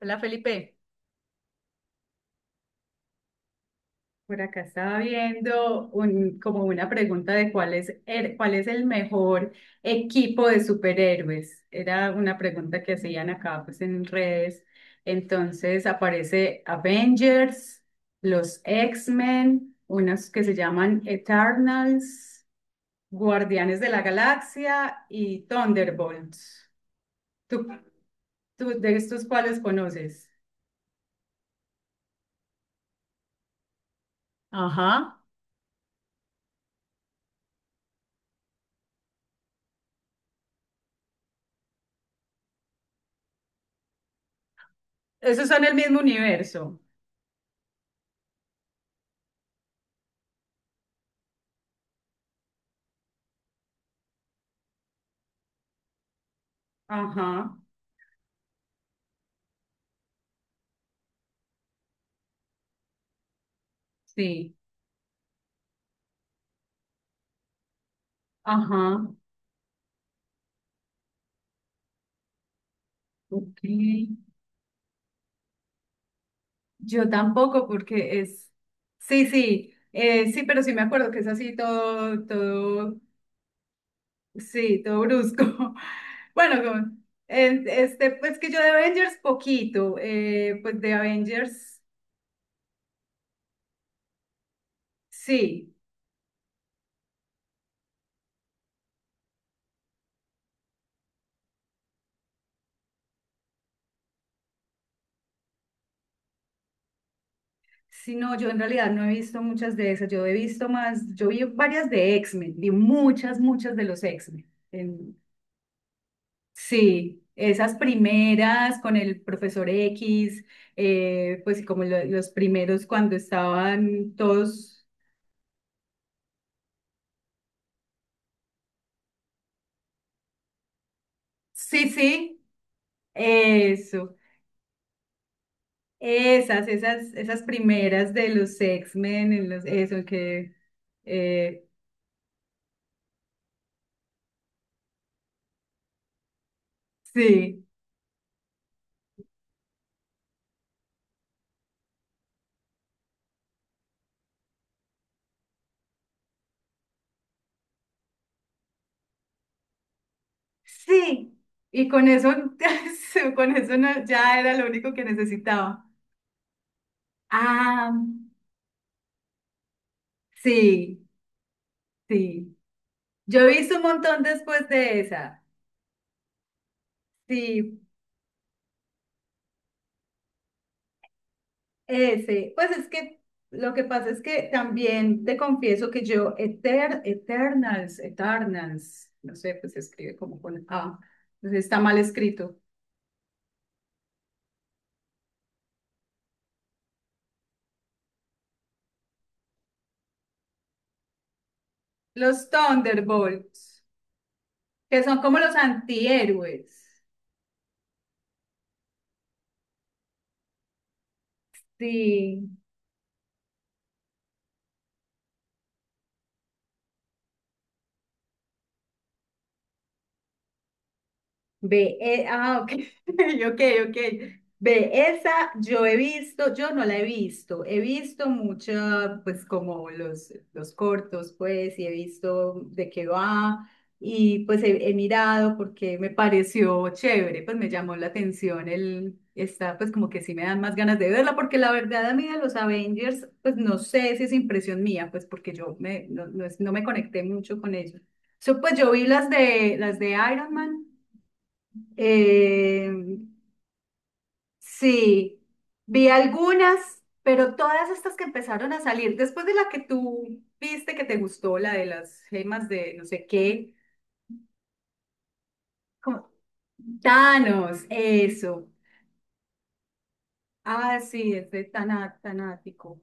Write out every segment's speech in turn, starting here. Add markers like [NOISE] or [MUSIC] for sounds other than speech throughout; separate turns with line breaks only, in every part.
Hola, Felipe. Por acá estaba viendo como una pregunta de cuál es el mejor equipo de superhéroes. Era una pregunta que hacían acá pues en redes. Entonces aparece Avengers, los X-Men, unos que se llaman Eternals, Guardianes de la Galaxia y Thunderbolts. ¿Tú, tú de estos cuáles conoces? Ajá. Esos son el mismo universo. Ajá. Sí, ajá, ok. Yo tampoco porque sí, sí, pero sí me acuerdo que es así todo, sí, todo brusco. [LAUGHS] Bueno, pues que yo de Avengers poquito, pues de Avengers, sí. Sí, no, yo en realidad no he visto muchas de esas, yo he visto más, yo vi varias de X-Men, vi muchas de los X-Men. Sí, esas primeras con el profesor X, pues sí, como los primeros cuando estaban todos, sí, sí, eso, esas primeras de los X-Men, en los, eso que, eh, sí, sí, y con eso, [LAUGHS] con eso ya era lo único que necesitaba. Ah, sí, sí, yo he visto un montón después de esa, sí. Ese, pues es que lo que pasa es que también te confieso que Eternals, Eternals, no sé, pues se escribe como con A, entonces está mal escrito. Los Thunderbolts, que son como los antihéroes. Sí. Ok, [LAUGHS] ok, ok. Ve, esa yo he visto, yo no la he visto mucha, pues como los cortos, pues, y he visto de qué va, y pues he mirado porque me pareció chévere, pues me llamó la atención pues como que sí me dan más ganas de verla, porque la verdad a mí de los Avengers, pues no sé si es impresión mía, pues porque yo me, no, no, es- no me conecté mucho con ellos. So, pues yo vi las de Iron Man. Eh, sí, vi algunas, pero todas estas que empezaron a salir, después de la que tú viste que te gustó, la de las gemas de no sé qué, como, Thanos, eso. Ah, sí, es de Tanático.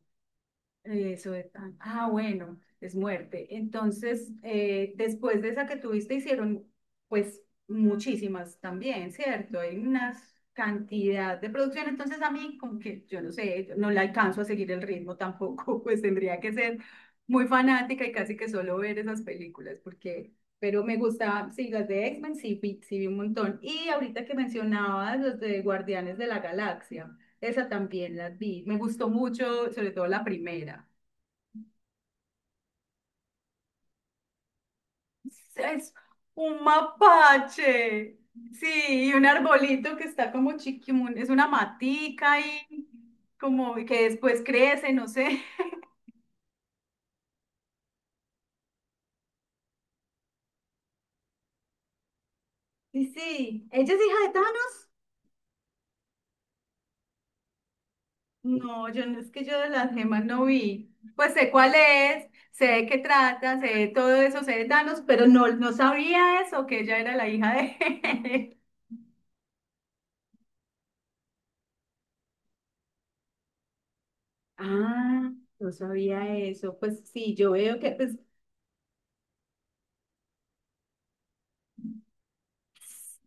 Eso es. Bueno, es muerte. Entonces, después de esa que tuviste, hicieron pues muchísimas también, ¿cierto? Hay una cantidad de producción. Entonces, a mí, como que yo no sé, no le alcanzo a seguir el ritmo tampoco. [LAUGHS] Pues tendría que ser muy fanática y casi que solo ver esas películas, porque, pero me gustaba, sí, las de X-Men sí, sí vi un montón. Y ahorita que mencionabas los de Guardianes de la Galaxia. Esa también la vi. Me gustó mucho, sobre todo la primera. Es un mapache. Sí, y un arbolito que está como chiquimun. Es una matica ahí, como que después crece, no sé. Y sí, ¿ella es hija de Thanos? No, yo no es que yo de las gemas no vi. Pues sé cuál es, sé de qué trata, sé de todo eso, sé de Thanos, pero no, no sabía eso, que ella era la hija de [LAUGHS] Ah, no sabía eso. Pues sí, yo veo que pues,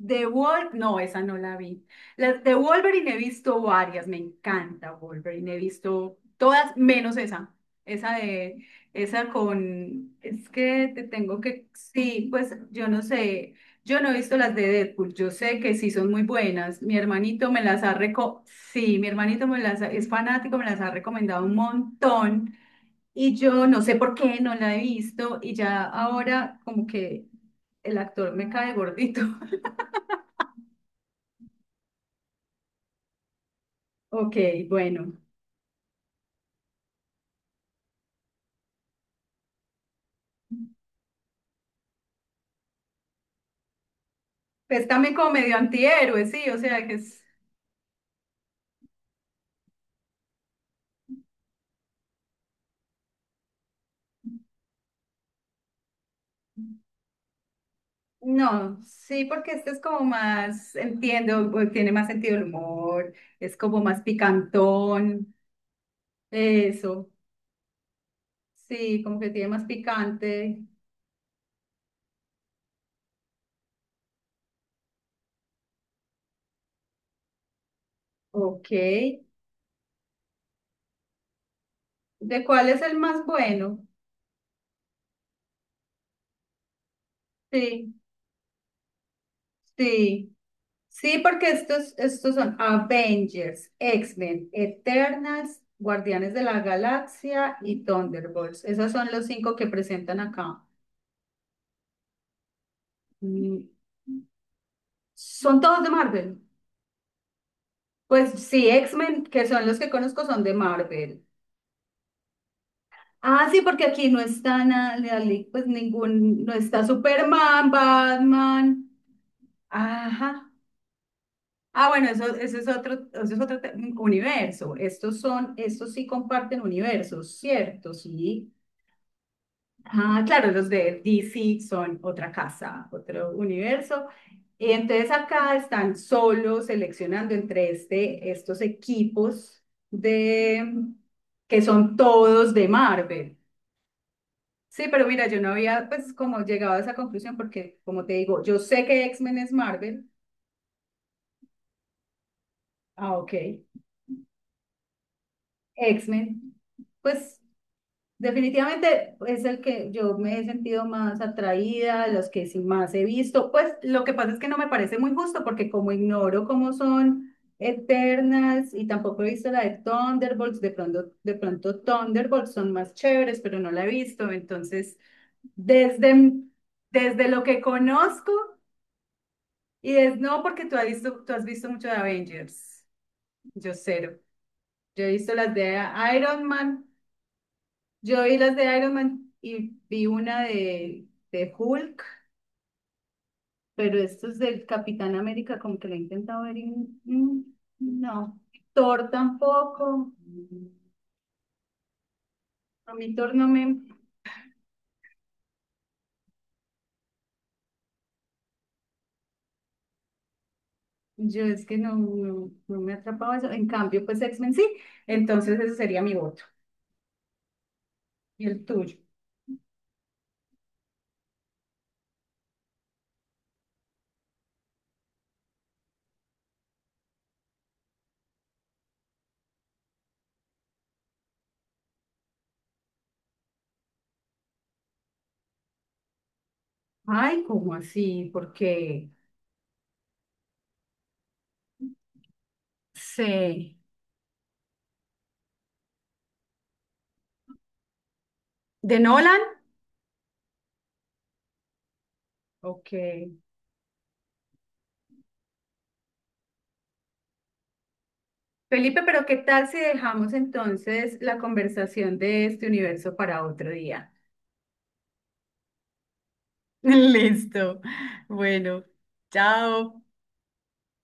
The Wolf, no, esa no la vi. Las de Wolverine he visto varias, me encanta Wolverine, he visto todas menos esa. Esa de, esa con, es que te tengo que, sí, pues yo no sé, yo no he visto las de Deadpool, yo sé que sí son muy buenas. Mi hermanito me las ha reco, sí, mi hermanito es fanático, me las ha recomendado un montón. Y yo no sé por qué no la he visto y ya ahora como que el actor me cae gordito. [LAUGHS] Ok, bueno. Pues también como medio antihéroe, sí, o sea que es... No, sí, porque este es como más, entiendo, pues, tiene más sentido el humor, es como más picantón, eso, sí, como que tiene más picante. Ok, ¿de cuál es el más bueno? Sí, sí. Sí, porque estos son Avengers, X-Men, Eternals, Guardianes de la Galaxia y Thunderbolts. Esos son los cinco que presentan acá. Mm, ¿son todos de Marvel? Pues sí, X-Men, que son los que conozco, son de Marvel. Ah, sí, porque aquí no está nada, pues ningún, no está Superman, Batman. Ajá. Ah, bueno, eso es otro universo. Estos son, estos sí comparten universos, ¿cierto? Sí. Ah, claro, los de DC son otra casa, otro universo. Y entonces acá están solo seleccionando entre estos equipos de que son todos de Marvel. Sí, pero mira, yo no había pues como llegado a esa conclusión porque como te digo, yo sé que X-Men es Marvel. Ah, ok. X-Men, pues definitivamente es el que yo me he sentido más atraída, los que sí más he visto. Pues lo que pasa es que no me parece muy justo porque como ignoro cómo son Eternas y tampoco he visto la de Thunderbolts, de pronto Thunderbolts son más chéveres, pero no la he visto. Entonces, desde, desde lo que conozco y es no porque tú has visto mucho de Avengers, yo cero. Yo he visto las de Iron Man. Yo vi las de Iron Man y vi una de Hulk, pero esto es del Capitán América, como que la he intentado ver y mm, no. Thor tampoco. A mí Thor no me... Yo es que no me atrapaba eso. En cambio, pues X-Men sí. Entonces ese sería mi voto. Y el tuyo. Ay, ¿cómo así? Porque sé. ¿De Nolan? Ok. Felipe, pero ¿qué tal si dejamos entonces la conversación de este universo para otro día? [LAUGHS] Listo. Bueno, chao.